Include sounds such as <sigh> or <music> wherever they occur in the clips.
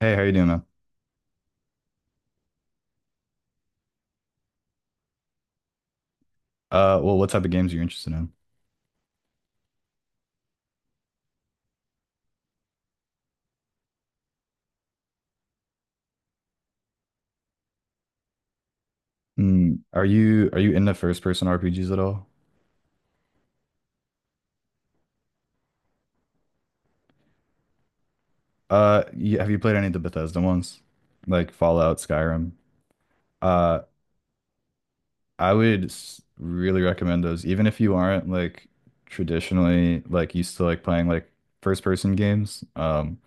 Hey, how you doing, man? Well, what type of games are you interested in? Are you into first person RPGs at all? Have you played any of the Bethesda ones, like Fallout, Skyrim? Uh, I would really recommend those, even if you aren't like traditionally like used to like playing like first person games.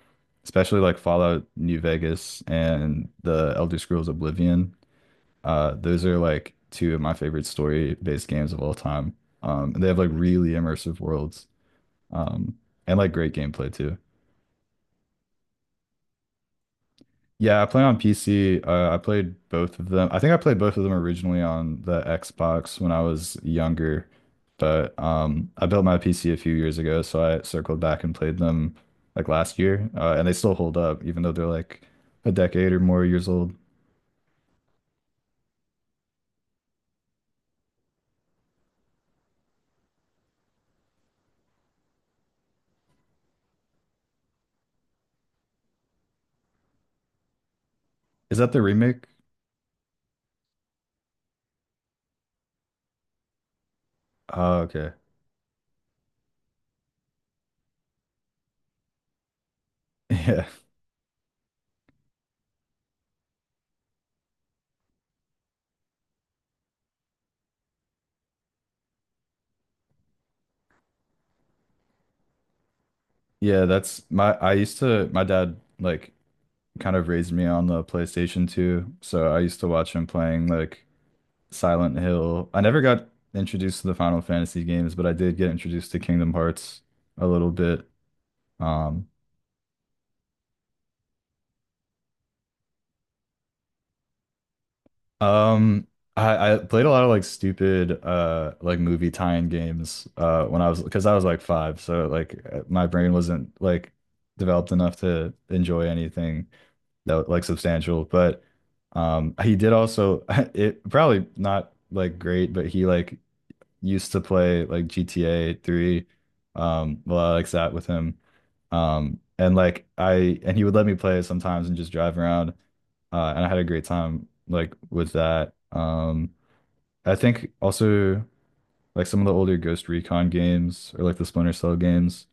Especially like Fallout New Vegas and the Elder Scrolls Oblivion. Those are like two of my favorite story based games of all time. And they have like really immersive worlds. Um, and like great gameplay too. Yeah, I play on PC. I played both of them. I think I played both of them originally on the Xbox when I was younger, but I built my PC a few years ago, so I circled back and played them like last year, and they still hold up, even though they're like a decade or more years old. Is that the remake? Oh, okay. <laughs> Yeah. Yeah, that's my I used to my dad like kind of raised me on the PlayStation 2, so I used to watch him playing like Silent Hill. I never got introduced to the Final Fantasy games, but I did get introduced to Kingdom Hearts a little bit. Um, um, I played a lot of like stupid like movie tie-in games when I was because I was like five, so like my brain wasn't like developed enough to enjoy anything that was, like substantial. But he did also <laughs> it probably not like great, but he like used to play like GTA 3. A lot like that with him. And like I and he would let me play sometimes and just drive around. And I had a great time like with that. I think also like some of the older Ghost Recon games or like the Splinter Cell games.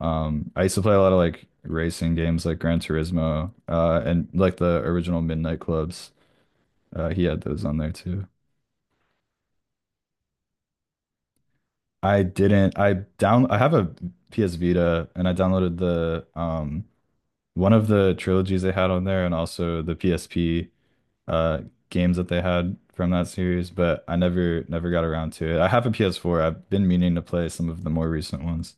I used to play a lot of like racing games like Gran Turismo, and like the original Midnight Clubs. He had those on there too. I didn't. I down. I have a PS Vita, and I downloaded the one of the trilogies they had on there, and also the PSP uh games that they had from that series. But I never got around to it. I have a PS4. I've been meaning to play some of the more recent ones.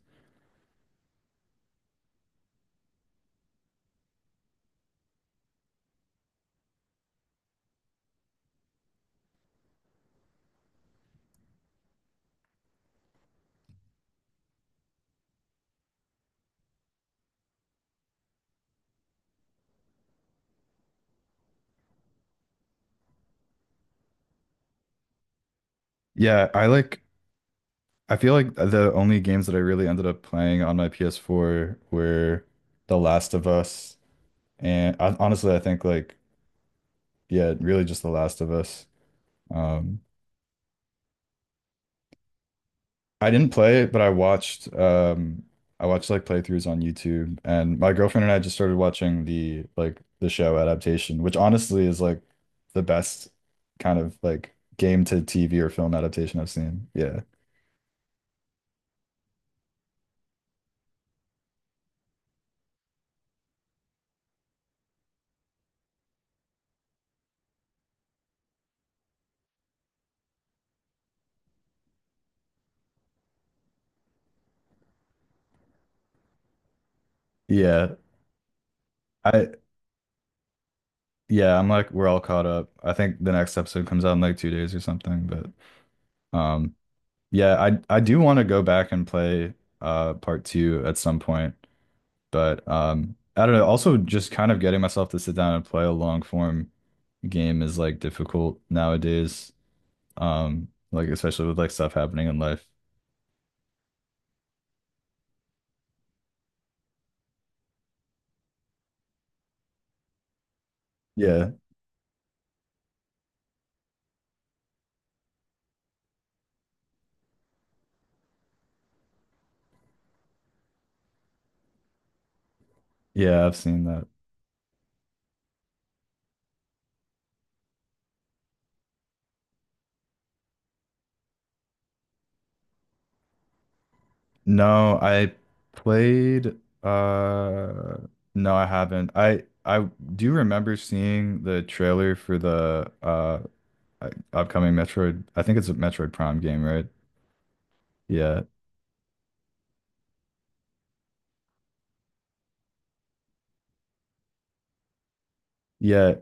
Yeah, I like. I feel like the only games that I really ended up playing on my PS4 were The Last of Us, and I, honestly, I think like yeah, really just The Last of Us. Um, I didn't play it, but I watched like playthroughs on YouTube and my girlfriend and I just started watching the like the show adaptation, which honestly is like the best kind of like game to TV or film adaptation I've seen. Yeah. Yeah. I yeah, I'm like we're all caught up. I think the next episode comes out in like 2 days or something, but um yeah, I do want to go back and play part two at some point, but I don't know. Also, just kind of getting myself to sit down and play a long form game is like difficult nowadays. Like especially with like stuff happening in life. Yeah, yeah, I've seen that. No, I played uh no, I haven't. I do remember seeing the trailer for the upcoming Metroid. I think it's a Metroid Prime game, right? Yeah. Yeah.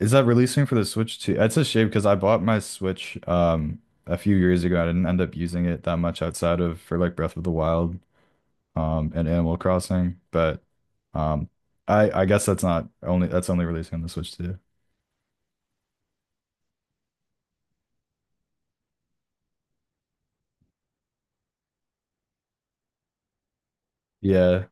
Is that releasing for the Switch too? That's a shame because I bought my Switch a few years ago. I didn't end up using it that much outside of for like Breath of the Wild. And Animal Crossing, but um, I guess that's not only that's only releasing on the Switch too. Yeah,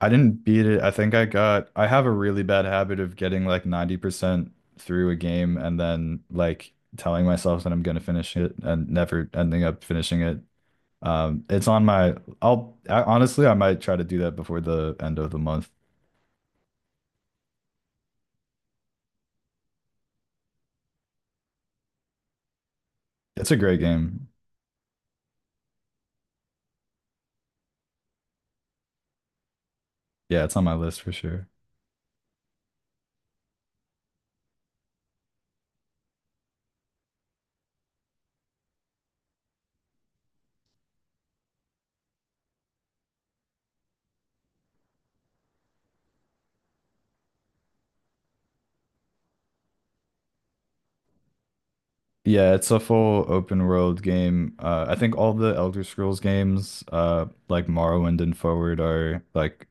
I didn't beat it. I think I got I have a really bad habit of getting like 90% through a game and then like telling myself that I'm gonna finish it and never ending up finishing it. It's on my honestly I might try to do that before the end of the month. It's a great game. Yeah, it's on my list for sure. Yeah, it's a full open world game. I think all the Elder Scrolls games, like Morrowind and Forward, are like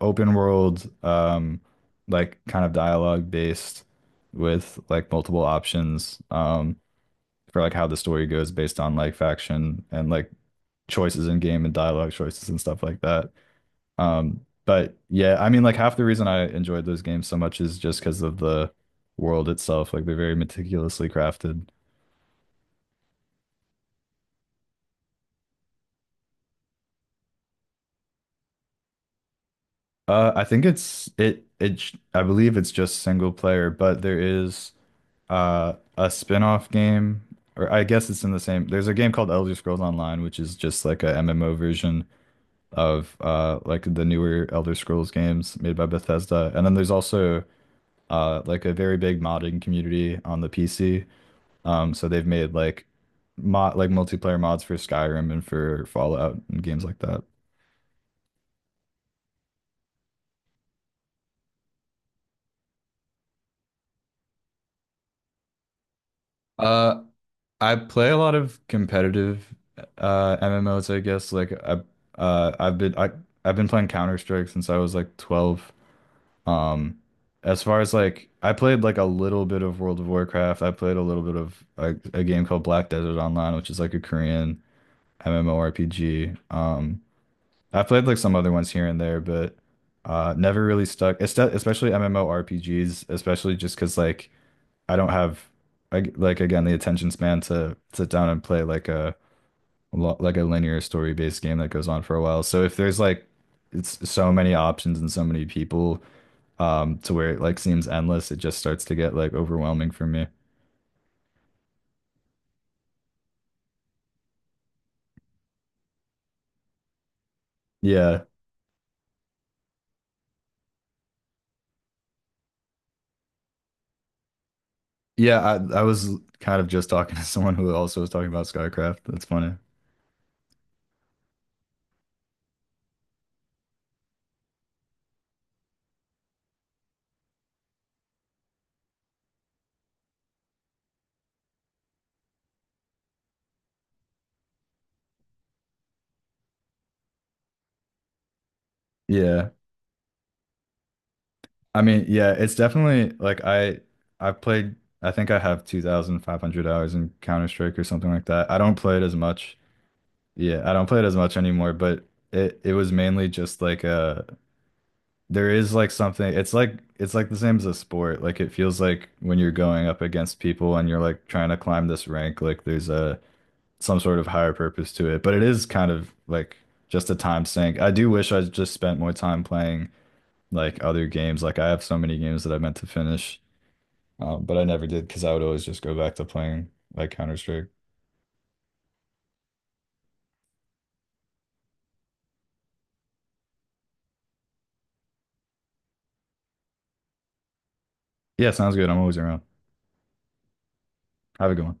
open world, like kind of dialogue based with like multiple options, for like how the story goes based on like faction and like choices in game and dialogue choices and stuff like that. But yeah, I mean, like half the reason I enjoyed those games so much is just because of the world itself. Like they're very meticulously crafted. I think it's it it sh- I believe it's just single player, but there is a spin-off game, or I guess it's in the same. There's a game called Elder Scrolls Online, which is just like a MMO version of like the newer Elder Scrolls games made by Bethesda. And then there's also like a very big modding community on the PC. So they've made like mod like multiplayer mods for Skyrim and for Fallout and games like that. Uh, I play a lot of competitive MMOs, I guess. Uh I've been I I've been playing Counter-Strike since I was like 12. Um as far as like I played like a little bit of World of Warcraft. I played a little bit of like a game called Black Desert Online, which is like a Korean MMORPG. I've played like some other ones here and there, but never really stuck. Especially MMORPGs, especially just 'cause like I don't have like again the attention span to sit down and play like a like a linear story based game that goes on for a while. So if there's like it's so many options and so many people to where it like seems endless, it just starts to get like overwhelming for me. Yeah. Yeah, I was kind of just talking <laughs> to someone who also was talking about SkyCraft. That's funny. Yeah. I mean, yeah, it's definitely like I I've played I think I have 2,500 hours in Counter-Strike or something like that. I don't play it as much. Yeah, I don't play it as much anymore, but it was mainly just like there is like something it's like the same as a sport. Like it feels like when you're going up against people and you're like trying to climb this rank, like there's a some sort of higher purpose to it. But it is kind of like just a time sink. I do wish I just spent more time playing like other games. Like I have so many games that I meant to finish, but I never did because I would always just go back to playing like Counter-Strike. Yeah, sounds good. I'm always around. Have a good one.